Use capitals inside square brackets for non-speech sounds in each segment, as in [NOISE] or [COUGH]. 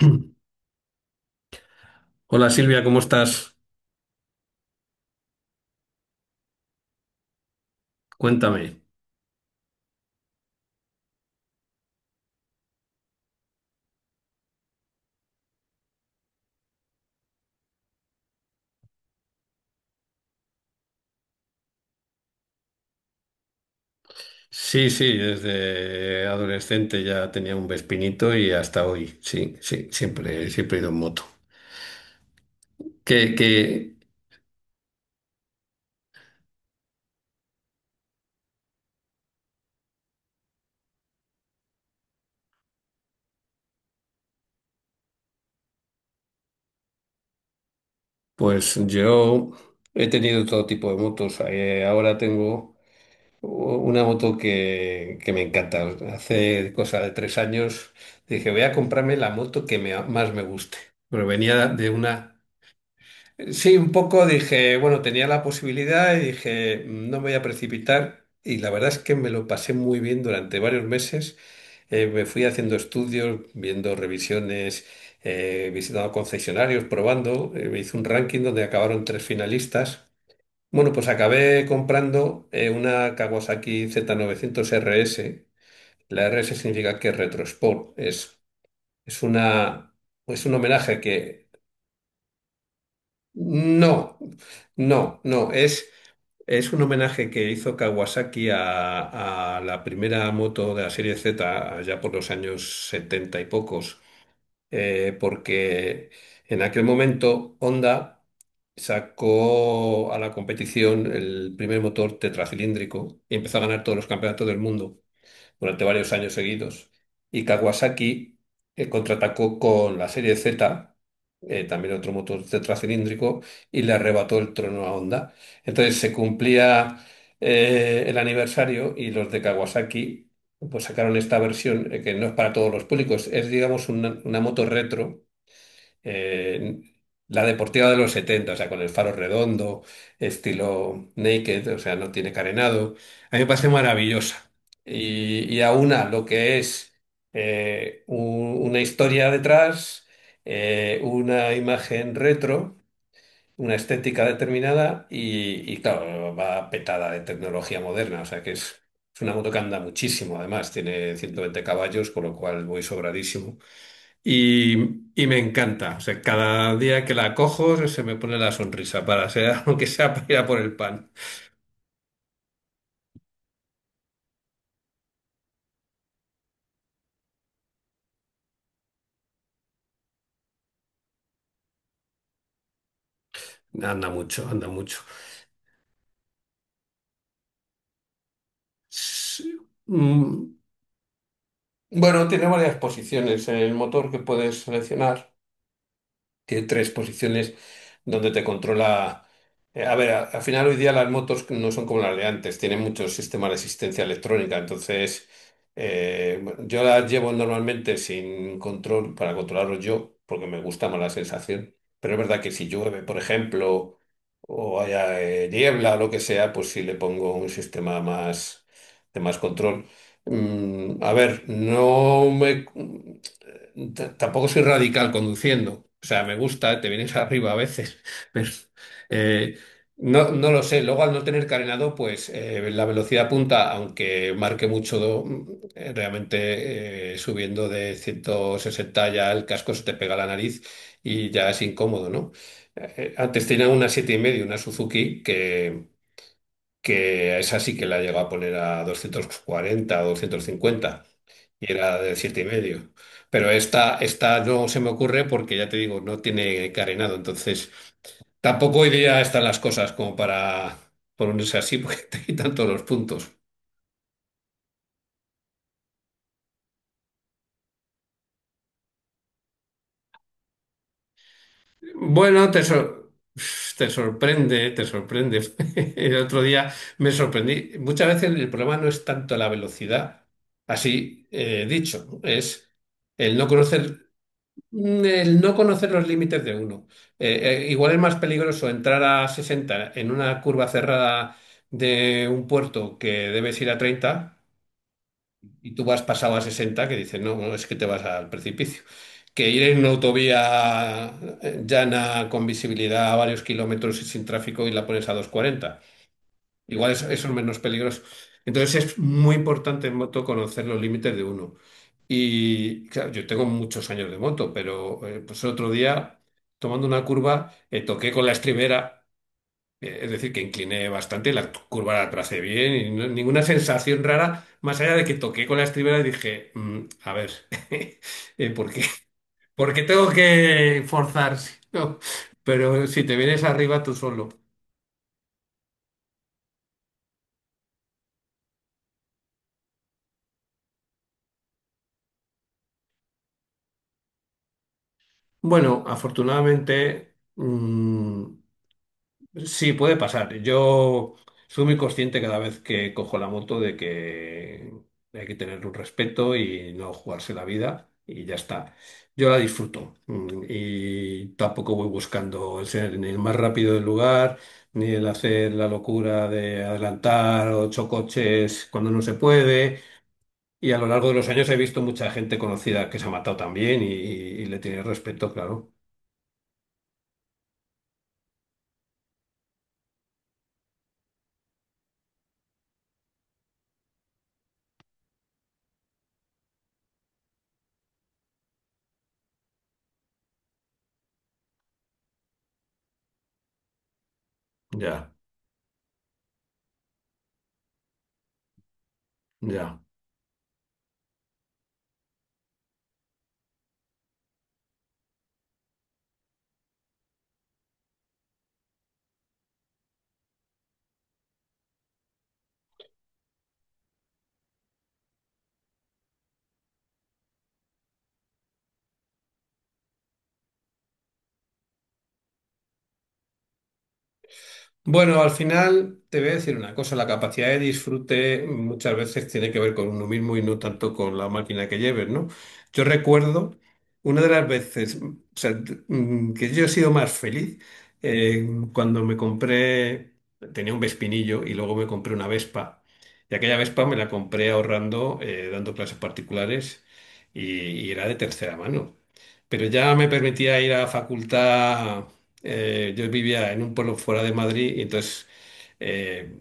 [CLEARS THROAT] Hola Silvia, ¿cómo estás? Cuéntame. Sí, sí, desde adolescente ya tenía un Vespinito y hasta hoy, sí, sí, siempre, siempre he ido en moto. Que, que, pues yo he tenido todo tipo de motos. Ahora tengo una moto que me encanta. Hace cosa de tres años dije, voy a comprarme la moto que más me guste. Pero venía de una. Sí, un poco dije, bueno, tenía la posibilidad y dije, No me voy a precipitar". Y la verdad es que me lo pasé muy bien durante varios meses. Me fui haciendo estudios, viendo revisiones, visitando concesionarios, probando. Me hice un ranking donde acabaron tres finalistas. Bueno, pues acabé comprando una Kawasaki Z900 RS. La RS significa que es retro sport. Es una, es un homenaje que... No, no, no, es... Es un homenaje que hizo Kawasaki a la primera moto de la serie Z, allá por los años 70 y pocos, porque en aquel momento Honda sacó a la competición el primer motor tetracilíndrico y empezó a ganar todos los campeonatos del mundo durante varios años seguidos. Y Kawasaki contraatacó con la serie Z, también otro motor tetracilíndrico, y le arrebató el trono a Honda. Entonces se cumplía el aniversario y los de Kawasaki pues sacaron esta versión que no es para todos los públicos, es digamos una moto retro, eh, la deportiva de los 70, o sea, con el faro redondo, estilo naked, o sea, no tiene carenado. A mí me parece maravillosa. Y aúna lo que es una historia detrás, una imagen retro, una estética determinada claro, va petada de tecnología moderna, o sea, que es... Es una moto que anda muchísimo, además, tiene 120 caballos, con lo cual voy sobradísimo. Y me encanta. O sea, cada día que la cojo se me pone la sonrisa para ser, [LAUGHS] aunque sea para ir a por el pan. Anda mucho, anda mucho. Sí. Mm, Bueno, tiene varias posiciones en el motor que puedes seleccionar. Tiene tres posiciones donde te controla. A ver, al final hoy día las motos no son como las de antes, tienen muchos sistemas de asistencia electrónica, entonces bueno, yo las llevo normalmente sin control para controlarlos yo, porque me gusta más la sensación. Pero es verdad que si llueve, por ejemplo, o haya niebla o lo que sea, pues sí le pongo un sistema más de más control. A ver, tampoco soy radical conduciendo. O sea, me gusta, te vienes [LAUGHS] arriba a veces, [LAUGHS] pero eh, no lo sé. Luego, al no tener carenado, pues la velocidad punta, aunque marque mucho, realmente subiendo de 160 ya el casco se te pega a la nariz y ya es incómodo, ¿no? Antes tenía una siete y medio, una Suzuki, que esa sí que la llegó a poner a 240, o 250 y era de siete y medio. Pero esta no se me ocurre porque ya te digo, no tiene carenado, entonces tampoco hoy día están las cosas como para ponerse así porque [LAUGHS] te quitan todos los puntos. Bueno, te, sor- Te sorprende, te sorprende. [LAUGHS] El otro día me sorprendí. Muchas veces el problema no es tanto la velocidad, así dicho, es el no conocer. El no conocer los límites de uno. Igual es más peligroso entrar a 60 en una curva cerrada de un puerto que debes ir a 30 y tú vas pasado a 60 que dices, no, no, es que te vas al precipicio. Que ir en una autovía llana con visibilidad a varios kilómetros y sin tráfico y la pones a doscientos cuarenta. Igual eso, eso es menos peligroso. Entonces es muy importante en moto conocer los límites de uno. Y claro, yo tengo muchos años de moto, pero pues el otro día, tomando una curva, toqué con la estribera, es decir, que incliné bastante y la curva la tracé bien y ninguna sensación rara, más allá de que toqué con la estribera y dije, A ver, [LAUGHS] ¿por qué? ¿Por qué tengo que forzar? [LAUGHS] ¿no?". Pero si te vienes arriba tú solo. Bueno, afortunadamente, sí puede pasar. Yo soy muy consciente cada vez que cojo la moto de que hay que tener un respeto y no jugarse la vida y ya está. Yo la disfruto y tampoco voy buscando el ser ni el más rápido del lugar, ni el hacer la locura de adelantar ocho coches cuando no se puede. Y a lo largo de los años he visto mucha gente conocida que se ha matado también y le tiene respeto, claro. Ya. Ya. Bueno, al final te voy a decir una cosa, la capacidad de disfrute muchas veces tiene que ver con uno mismo y no tanto con la máquina que lleves, ¿no? Yo recuerdo una de las veces, o sea, que yo he sido más feliz eh, cuando me compré, tenía un Vespinillo y luego me compré una Vespa. Y aquella Vespa me la compré ahorrando, dando clases particulares y era de tercera mano. Pero ya me permitía ir a la facultad. Yo vivía en un pueblo fuera de Madrid y entonces eh,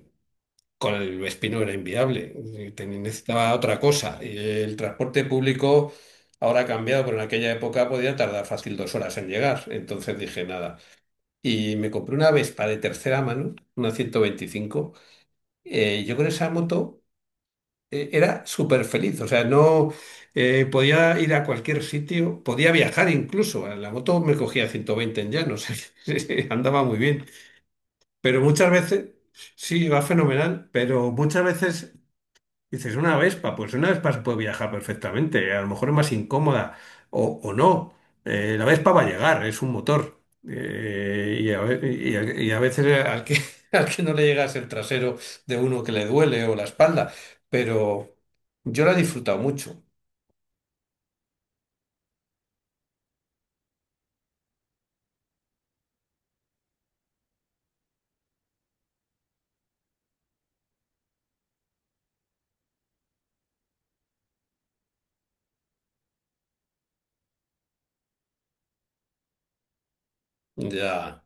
con el Vespino era inviable. Necesitaba otra cosa. Y el transporte público ahora ha cambiado, pero en aquella época podía tardar fácil dos horas en llegar. Entonces dije nada. Y me compré una Vespa de tercera mano, una 125. Yo con esa moto era súper feliz, o sea, no podía ir a cualquier sitio, podía viajar incluso, la moto me cogía 120 en llano, [LAUGHS] o sea, que [LAUGHS] andaba muy bien, pero muchas veces, sí, va fenomenal, pero muchas veces dices, una Vespa, pues una Vespa se puede viajar perfectamente, a lo mejor es más incómoda o no. La Vespa va a llegar, es un motor. Y, a, ve- y a- y A veces al que, [LAUGHS] al que no le llegas el trasero de uno que le duele o la espalda, pero yo la he disfrutado mucho. Ya,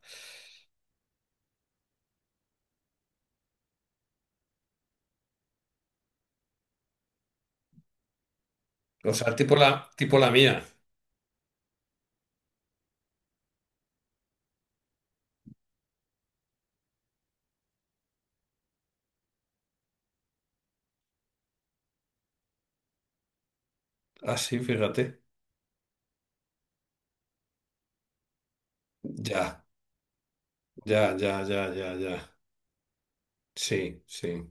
o sea, tipo la mía. Ah, sí, fíjate. Ya, ya. Sí, sí.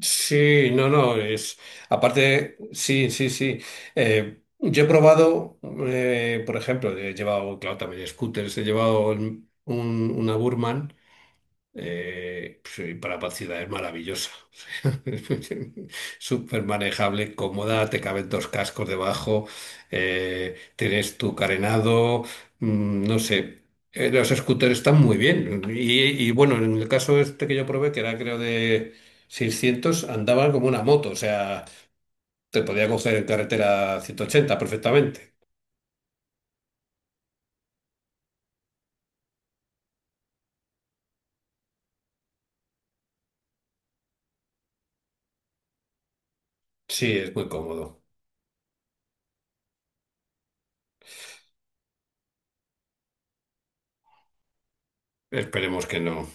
Sí, no, no, es. Aparte, Sí, sí, sí. Yo he probado, por ejemplo, he llevado, claro, también scooters, he llevado una Burman. Sí, para pacidad es maravillosa. [LAUGHS] Súper manejable, cómoda, te caben dos cascos debajo, tienes tu carenado, no sé. Los scooters están muy bien. Y bueno, en el caso este que yo probé, que era creo de 600, andaban como una moto, o sea, te podía coger en carretera 180 perfectamente. Sí, es muy cómodo. Esperemos que no.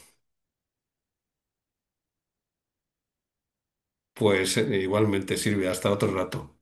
Pues igualmente sirve hasta otro rato.